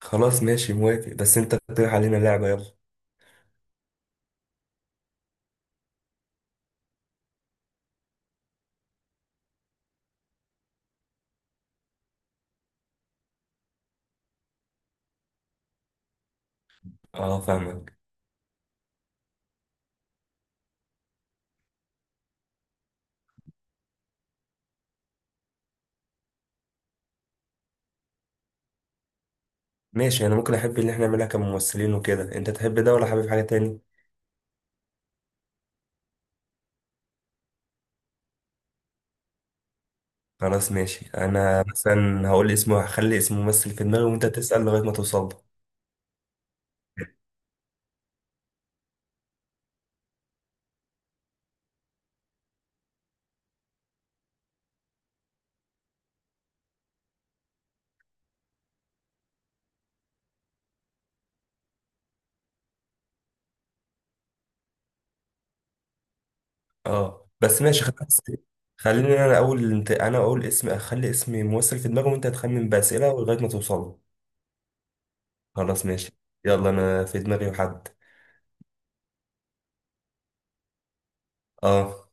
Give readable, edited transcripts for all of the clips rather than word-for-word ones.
خلاص، ماشي، موافق. بس انت اقترح علينا لعبة، يلا. اه، فاهمك. ماشي، انا ممكن احب اللي احنا نعملها كممثلين وكده. انت تحب ده ولا حابب حاجة تاني؟ خلاص ماشي، انا مثلا هقول اسمه، هخلي اسم ممثل في دماغي وانت تسأل لغاية ما توصل له. اه بس ماشي خلاص. خليني انا اقول، انا اقول اسم، اخلي اسم ممثل في دماغي وانت تخمن بأسئلة لغاية ما توصل له. خلاص ماشي. يلا، انا في دماغي حد. اه،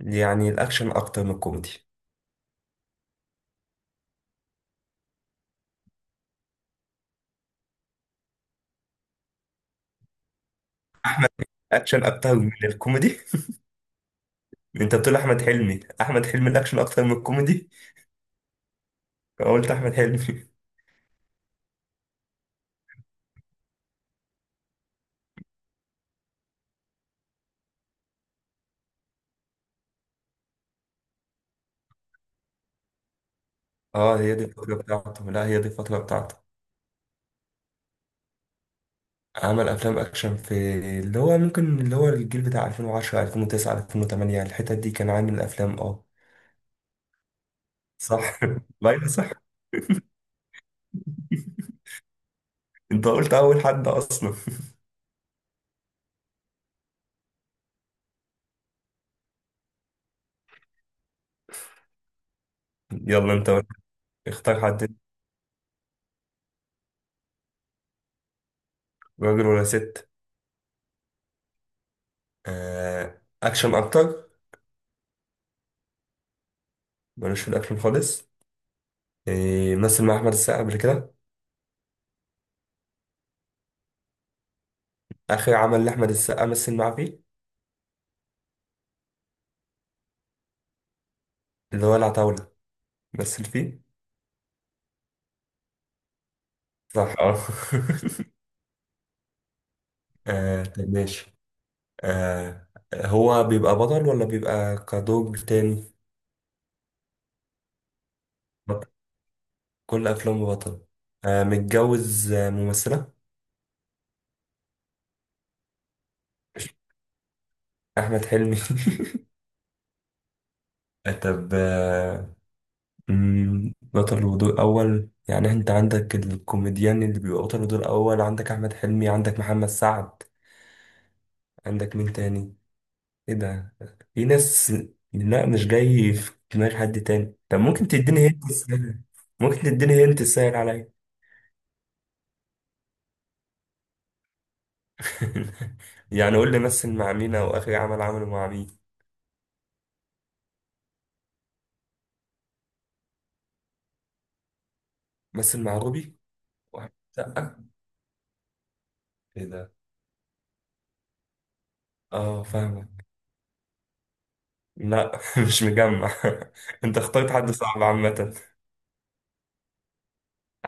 يعني الاكشن اكتر من الكوميدي. اكشن اكتر من الكوميدي؟ انت بتقول احمد حلمي؟ احمد حلمي الاكشن اكتر من الكوميدي؟ فقلت احمد حلمي. اه، هي دي الفتره بتاعته. لا، هي دي الفتره بتاعته. عمل افلام اكشن في، اللي هو ممكن اللي هو الجيل بتاع 2010 2009 2008، الحتت دي كان عامل افلام. اه صح. لا يا صح. انت قلت اول حد اصلا. يلا انت قول. اختار حد. راجل ولا ست؟ اكشن اكتر؟ ملوش في الاكشن خالص؟ مثل مع احمد السقا قبل كده؟ اخر عمل لاحمد السقا مثل معاه فيه؟ اللي هو العتاولة، مثل فيه؟ صح اه. طب ماشي. آه، هو بيبقى بطل ولا بيبقى كدور تاني؟ بطل. كل أفلامه بطل؟ آه، متجوز ممثلة؟ أحمد حلمي. طب. بطل ودور أول، يعني أنت عندك الكوميديان اللي بيبقى بطل ودور أول، عندك أحمد حلمي، عندك محمد سعد. عندك مين تاني؟ ايه ده؟ في ناس؟ لا، مش جاي في دماغ حد تاني. طب ممكن تديني هنت السهل؟ ممكن تديني هنت السهل عليا؟ يعني قول لي مثل مع مين، او اخر عمل عمله مع مين. مثل مع روبي؟ واحد سقا؟ ايه ده؟ اه فاهمك. لا، مش مجمع. انت اخترت حد صعب عامة.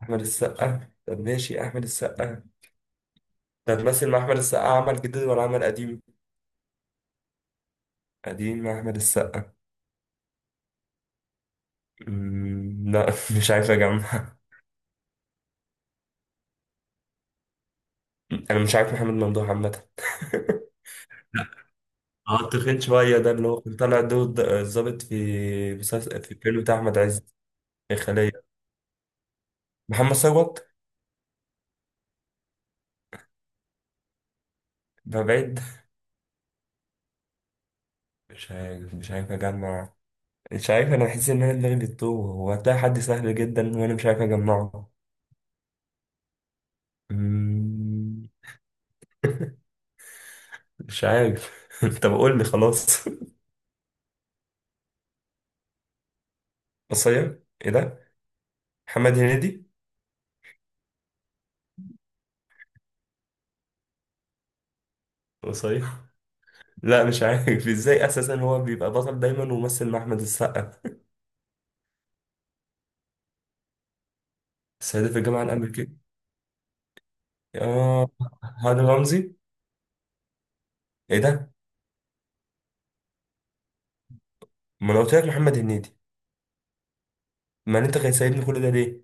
احمد السقا؟ طب ماشي، احمد السقا. طب مثل مع احمد السقا عمل جديد ولا عمل قديم؟ قديم مع احمد السقا. لا، مش عارف اجمع. انا مش عارف محمد ممدوح عامه. اه، التخين شويه ده، اللي هو كان طالع دور الضابط في مسلسل في الفيلم بتاع احمد عز؟ الخليه؟ محمد ثروت؟ بقى بعيد؟ مش عارف اجمع. مش عارف، انا بحس ان انا دماغي بتتوه. هو هتلاقي حد سهل جدا وانا مش عارف اجمعه. أمم، مش عارف. طب قول لي خلاص. قصير؟ ايه ده؟ محمد هنيدي. قصير؟ لا مش عارف ازاي اساسا هو بيبقى بطل دايما وممثل مع احمد السقا. السيدة في الجامعة الأمريكية؟ اه. هاني رمزي؟ ايه ده؟ ما انا قلت لك محمد هنيدي. ما انت كان سايبني كل ده ليه؟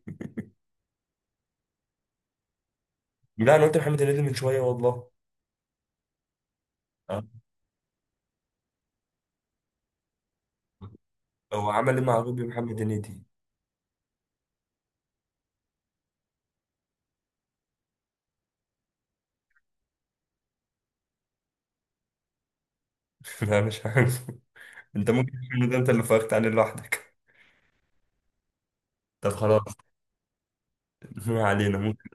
لا انا قلت محمد هنيدي من شويه والله. آه. هو عمل ايه مع روبي محمد هنيدي؟ لا مش عارف. انت ممكن تعمل ده، انت اللي فرقت عليه لوحدك. طب خلاص. ما علينا، ممكن.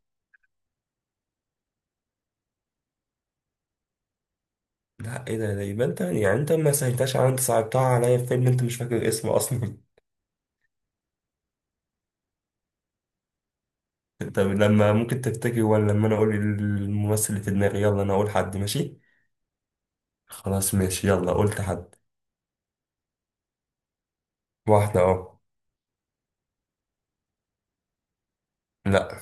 لا، ايه ده يبقى انت يعني انت ما سهلتهاش على، انت صعبتها عليا في فيلم انت مش فاكر اسمه اصلا. طب لما ممكن تفتكر؟ ولا لما انا اقول الممثل اللي في دماغي؟ يلا انا اقول حد، ماشي. خلاص ماشي، يلا قلت حد. واحده اهو. لا.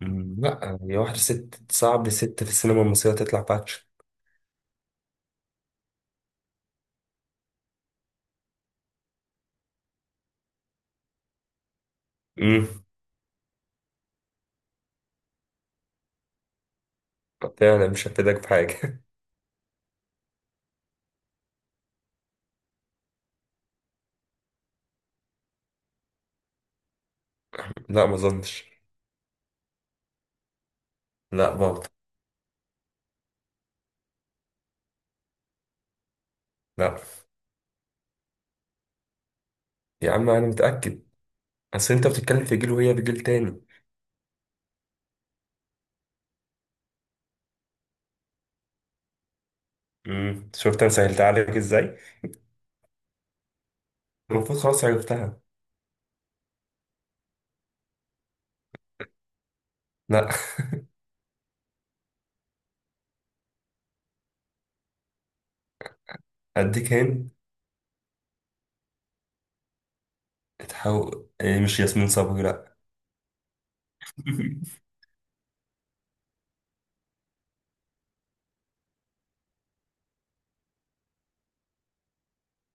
لا هي واحدة ست، صعب ست في السينما المصرية تطلع باتش. امم. فعلا مش هفيدك بحاجة. لا ما اظنش. لا برضه. لا يا عم انا متأكد. اصل انت بتتكلم في جيل وهي في جيل تاني. امم، شفت انا سهلتها عليك ازاي؟ المفروض خلاص عرفتها. لا، اديك هند. تحاول إيه، مش ياسمين صبري، لا.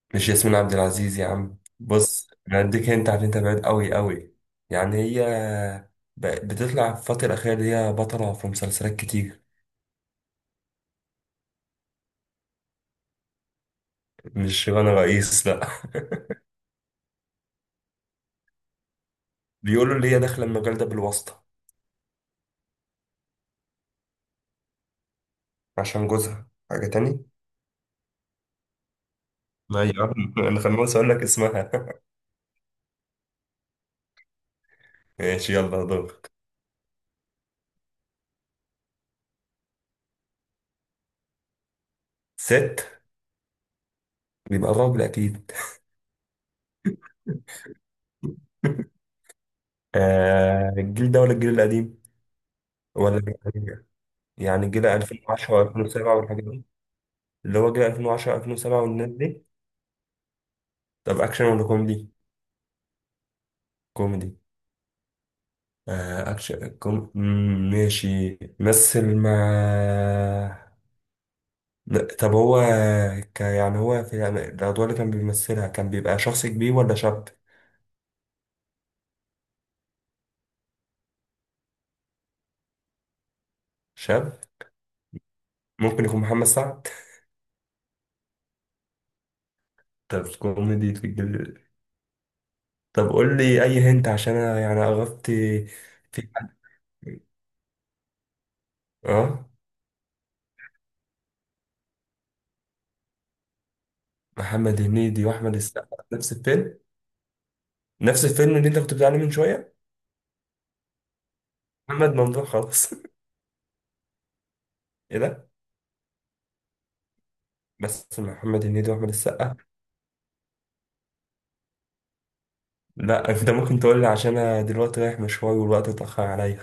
مش ياسمين عبد العزيز يا عم. بص، انا اديك هنت عشان انت بعيد قوي قوي. يعني هي بتطلع في الفترة الأخيرة دي، هي بطلة في مسلسلات كتير. مش شيرين رئيس، لا. بيقولوا اللي هي داخلة المجال ده بالواسطة، عشان جوزها حاجة تاني. ايوه. انا خلاص اقول لك اسمها. ماشي يلا دورك. ست؟ بيبقى راجل اكيد. آه، الجيل ده ولا الجيل القديم؟ ولا الجيل القديم؟ يعني الجيل 2010 2007 والحاجات دي؟ اللي هو جيل 2010 2007 والناس دي. طب اكشن ولا كوميدي؟ كوميدي؟ آه، اكشن كوم... مم، ماشي. مثل مع لا، طب هو، يعني هو في الأدوار اللي كان بيمثلها كان بيبقى شخص كبير ولا شاب؟ شاب؟ ممكن يكون محمد سعد؟ طب كوميدي في الجل. طب قول لي أي هنت عشان أنا يعني عرفت. في حد؟ اه. محمد هنيدي وأحمد السقا نفس الفيلم؟ نفس الفيلم اللي أنت كنت بتعلم من شوية؟ محمد ممدوح خلاص. إيه ده؟ بس محمد هنيدي وأحمد السقا. لا أنت ممكن تقول لي، عشان أنا دلوقتي رايح مشوار والوقت اتأخر عليا.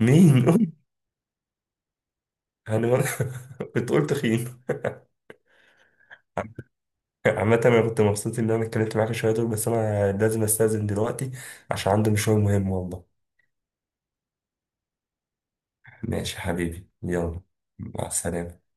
مين؟ هاني مر- بتقول تخين؟ عامة أنا كنت مبسوط إن أنا اتكلمت معاك شوية دول، بس أنا لازم أستأذن دلوقتي عشان عندي مشوار مهم والله. ماشي يا حبيبي، يلا. مع السلامة.